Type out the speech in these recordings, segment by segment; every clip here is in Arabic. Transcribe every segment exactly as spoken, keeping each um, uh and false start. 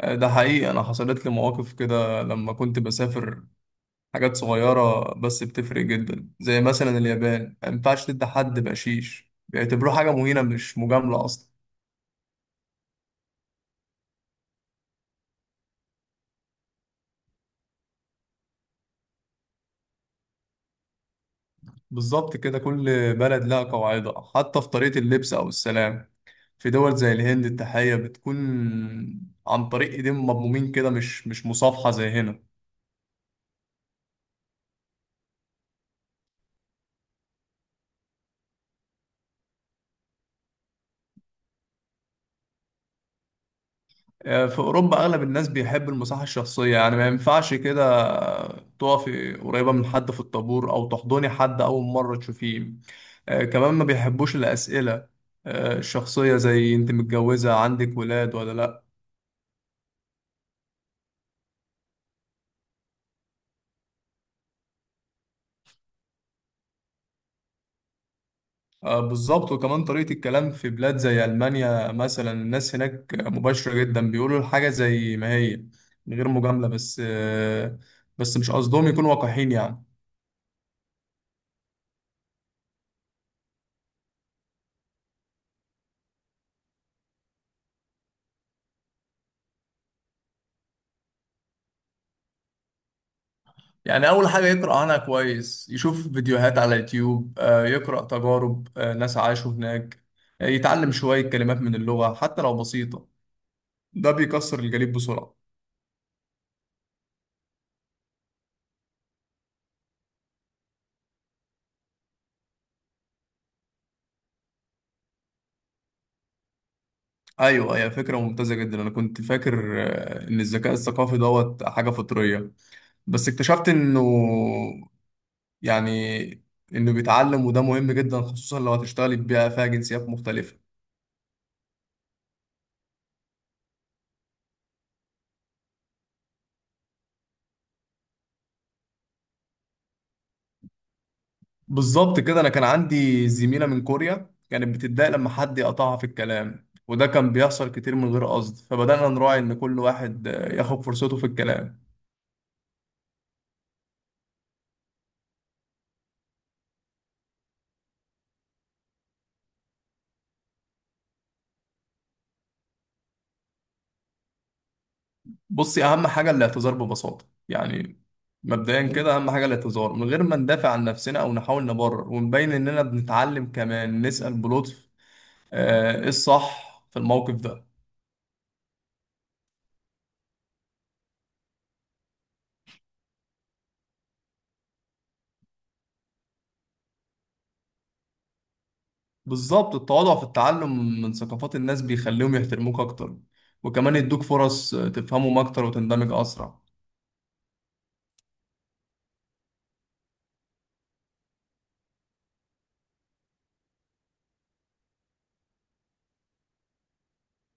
آه، ده حقيقي، أنا حصلت لي مواقف كده لما كنت بسافر. حاجات صغيرة بس بتفرق جدا، زي مثلا اليابان ما ينفعش تدي حد بقشيش، بيعتبروه حاجة مهينة مش مجاملة أصلا. بالظبط كده، كل بلد لها قواعدها حتى في طريقة اللبس أو السلام. في دول زي الهند التحية بتكون عن طريق إيدين مضمومين كده، مش مش مصافحة زي هنا. آه، في أوروبا أغلب الناس بيحب المساحة الشخصية، يعني ما ينفعش كده تقفي قريبة من حد في الطابور أو تحضني حد أول مرة تشوفيه. آه، كمان ما بيحبوش الأسئلة آه، الشخصية، زي أنت متجوزة، عندك ولاد ولا لأ. آه، بالظبط. وكمان طريقة الكلام في بلاد زي ألمانيا مثلا، الناس هناك مباشرة جدا، بيقولوا الحاجة زي ما هي من غير مجاملة، بس آه، بس مش قصدهم يكونوا وقاحين يعني. يعني أول حاجة يقرأ عنها كويس، يشوف فيديوهات على يوتيوب، آه، يقرأ تجارب آه، ناس عاشوا هناك، آه، يتعلم شوية كلمات من اللغة حتى لو بسيطة. ده بيكسر الجليد بسرعة. أيوة، هي فكرة ممتازة جدا. أنا كنت فاكر آه، إن الذكاء الثقافي دوت حاجة فطرية، بس اكتشفت إنه، يعني، إنه بيتعلم، وده مهم جدا خصوصا لو هتشتغلي في بيئة فيها جنسيات مختلفة. بالظبط كده. انا كان عندي زميله من كوريا، كانت بتتضايق لما حد يقطعها في الكلام، وده كان بيحصل كتير من غير قصد، فبدانا نراعي ان كل واحد آه، ياخد فرصته في الكلام. بصي، اهم حاجه الاعتذار ببساطه يعني. مبدئيا كده، اهم حاجه الاعتذار من غير ما ندافع عن نفسنا او نحاول نبرر، ونبين اننا بنتعلم، كمان نسال بلطف آه، ايه الصح في الموقف ده. بالظبط، التواضع في التعلم من ثقافات الناس بيخليهم يحترموك اكتر، وكمان يدوك فرص آه، تفهمهم اكتر وتندمج اسرع.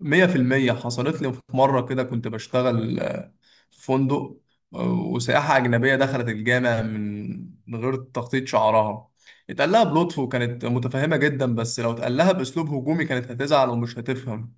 مية في المية. حصلت لي في مرة كده، كنت بشتغل آه، في فندق، آه، وسائحة أجنبية دخلت الجامع من من غير تغطية شعرها. اتقال لها بلطف وكانت متفهمة جدا، بس لو اتقال لها بأسلوب هجومي كانت هتزعل ومش هتفهم.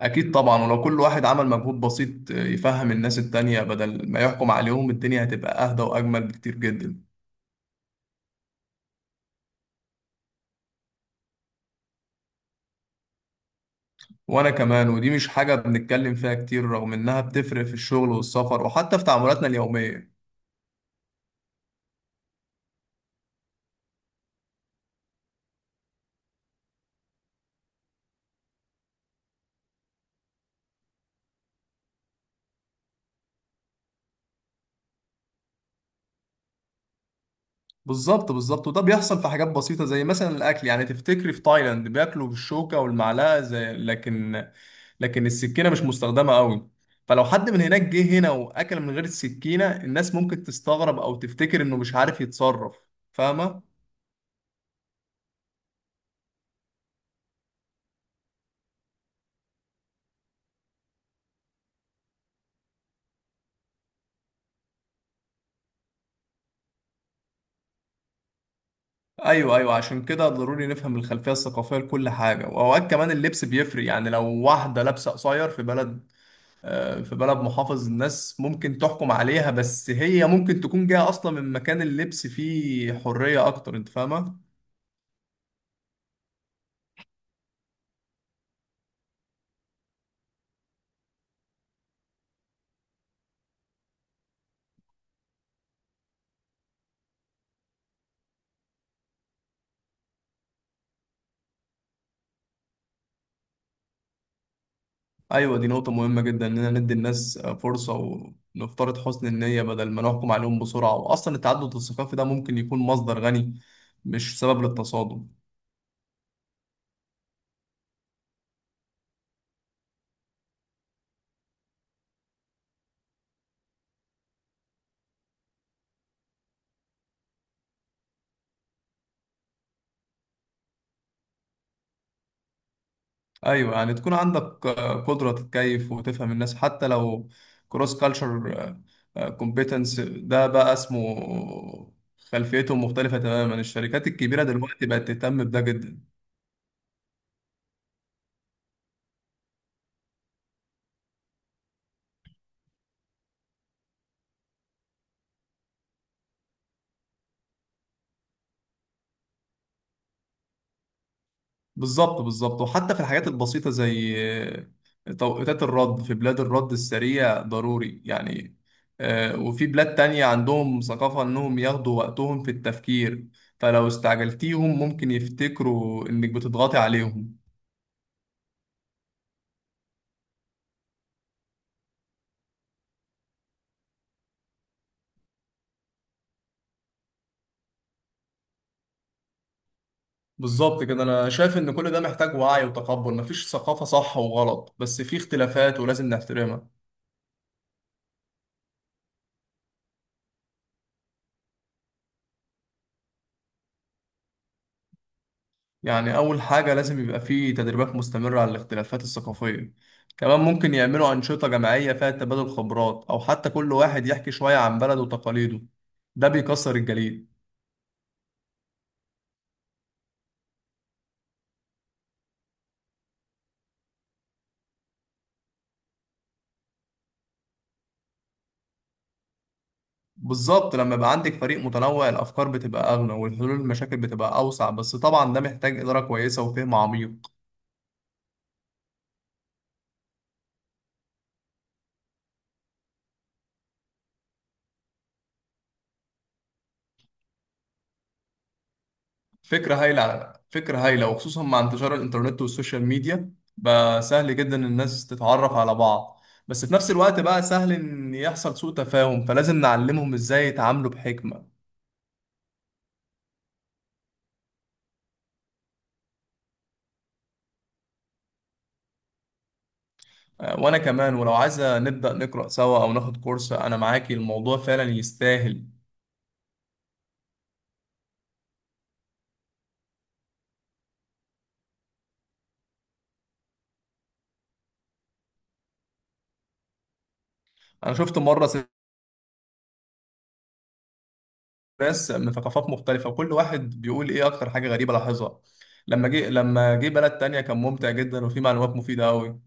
أكيد طبعا، ولو كل واحد عمل مجهود بسيط آه، يفهم الناس التانية بدل ما يحكم عليهم، الدنيا هتبقى أهدى وأجمل بكتير جدا. وأنا كمان، ودي مش حاجة بنتكلم فيها كتير رغم إنها بتفرق في الشغل والسفر وحتى في تعاملاتنا اليومية. بالظبط بالظبط، وده بيحصل في حاجات بسيطة زي مثلا الأكل. يعني تفتكري في تايلاند بياكلوا بالشوكة والمعلقة زي، لكن لكن السكينة مش مستخدمة قوي. فلو حد من هناك جه هنا وأكل من غير السكينة، الناس ممكن تستغرب أو تفتكر إنه مش عارف يتصرف. فاهمة؟ أيوه أيوه، عشان كده ضروري نفهم الخلفية الثقافية لكل حاجة. وأوقات كمان اللبس بيفرق، يعني لو واحدة لابسة قصير في بلد، آه، في بلد محافظ، الناس ممكن تحكم عليها، بس هي ممكن تكون جاية أصلا من مكان اللبس فيه حرية أكتر. أنت فاهمة؟ أيوة، دي نقطة مهمة جدا، إننا ندي الناس آه، فرصة ونفترض حسن النية بدل ما نحكم عليهم بسرعة. وأصلا التعدد الثقافي ده ممكن يكون مصدر غني، مش سبب للتصادم. ايوه، يعني تكون عندك آه، قدره تتكيف وتفهم الناس حتى لو، كروس كالتشر كومبيتنس ده بقى اسمه، خلفيتهم مختلفه تماما. الشركات الكبيره دلوقتي بقت تهتم بده جدا. بالظبط بالظبط، وحتى في الحاجات البسيطه زي آه، توقيتات الرد. في بلاد الرد السريع ضروري يعني، آه، وفي بلاد تانية عندهم ثقافة إنهم ياخدوا وقتهم في التفكير، فلو استعجلتيهم ممكن يفتكروا إنك بتضغطي عليهم. بالظبط كده. انا شايف ان كل ده محتاج وعي وتقبل. مفيش ثقافة صح وغلط، بس في اختلافات ولازم نحترمها. يعني اول حاجة لازم يبقى في تدريبات مستمرة على الاختلافات الثقافية. كمان ممكن يعملوا أنشطة جماعية فيها تبادل خبرات، او حتى كل واحد يحكي شوية عن بلده وتقاليده. ده بيكسر الجليد. بالظبط، لما يبقى عندك فريق متنوع الافكار بتبقى اغنى، والحلول المشاكل بتبقى اوسع، بس طبعا ده محتاج إدارة كويسة وفهم عميق. فكرة هايلة فكرة هايلة وخصوصا مع انتشار الإنترنت والسوشيال ميديا بقى سهل جدا إن الناس تتعرف على بعض، بس في نفس الوقت بقى سهل إن يحصل سوء تفاهم، فلازم نعلمهم إزاي يتعاملوا بحكمة. آه، وأنا كمان. ولو عايزة نبدأ نقرأ سوا أو ناخد كورس، أنا معاكي، الموضوع فعلا يستاهل. أنا شفت مرة ناس من ثقافات مختلفة وكل واحد بيقول إيه أكتر حاجة غريبة لاحظها لما جه لما جه بلد تانية. كان ممتع جدا وفيه معلومات مفيدة أوي.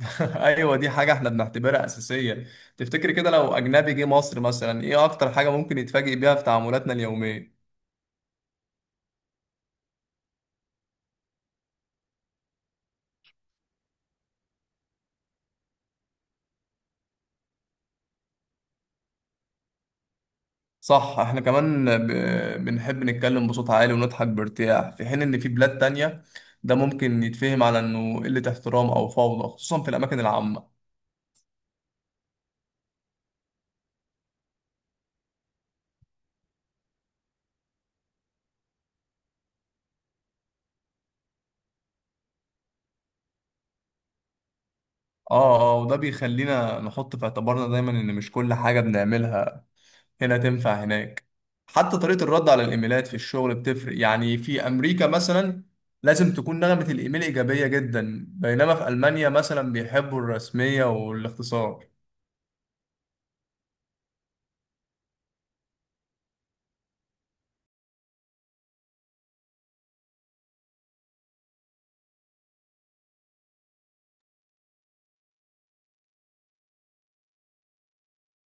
ايوه، دي حاجه احنا بنعتبرها اساسيه. تفتكر كده لو اجنبي جه مصر مثلا، ايه اكتر حاجه ممكن يتفاجئ بيها في تعاملاتنا اليوميه؟ صح، احنا كمان ب... بنحب نتكلم بصوت عالي ونضحك بارتياح، في حين ان في بلاد تانية ده ممكن يتفهم على انه قله احترام او فوضى، خصوصا في الاماكن العامه. اه اه، وده بيخلينا نحط في اعتبارنا دايما ان مش كل حاجه بنعملها هنا تنفع هناك. حتى طريقة الرد على الإيميلات في الشغل بتفرق. يعني في أمريكا مثلا لازم تكون نغمة الإيميل إيجابية جدا، بينما في ألمانيا مثلا بيحبوا الرسمية والاختصار.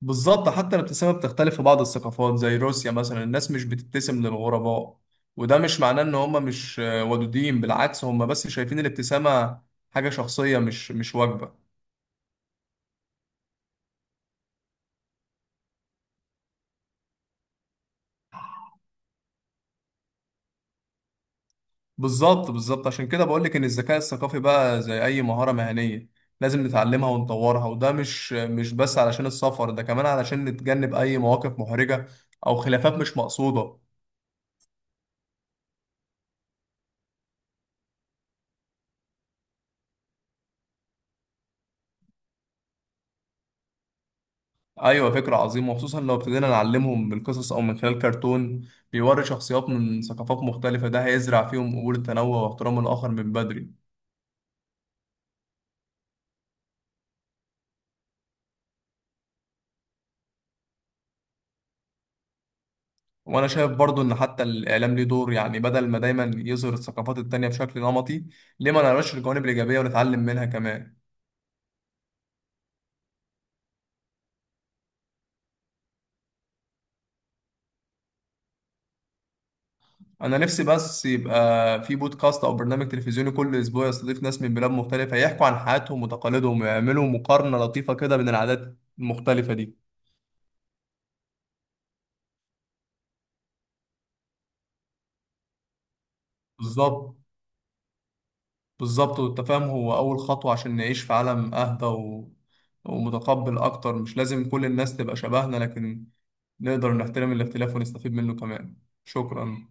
بالظبط، حتى الابتسامة بتختلف في بعض الثقافات زي روسيا مثلا، الناس مش بتبتسم للغرباء، وده مش معناه إن هم مش آه، ودودين، بالعكس هم بس شايفين الابتسامة حاجة شخصية، مش مش واجبة. بالظبط بالظبط، عشان كده بقولك إن الذكاء الثقافي بقى زي أي مهارة مهنية لازم نتعلمها ونطورها، وده مش مش بس علشان السفر، ده كمان علشان نتجنب أي مواقف محرجة أو خلافات مش مقصودة. أيوة، فكرة عظيمة، وخصوصا لو ابتدينا نعلمهم بالقصص أو من خلال كرتون بيوري شخصيات من ثقافات مختلفة، ده هيزرع فيهم قبول التنوع واحترام الآخر من بدري. وأنا شايف برضو إن حتى الإعلام ليه دور، يعني بدل ما دايما يظهر الثقافات التانية بشكل نمطي، ليه ما نقراش الجوانب الإيجابية ونتعلم منها كمان. انا نفسي بس يبقى في بودكاست او برنامج تلفزيوني كل اسبوع يستضيف ناس من بلاد مختلفة، يحكوا عن حياتهم وتقاليدهم، ويعملوا مقارنة لطيفة كده بين العادات المختلفة دي. بالظبط بالظبط، والتفاهم هو اول خطوة عشان نعيش في عالم اهدى و... ومتقبل اكتر. مش لازم كل الناس تبقى شبهنا، لكن نقدر نحترم الاختلاف ونستفيد منه كمان. شكرا.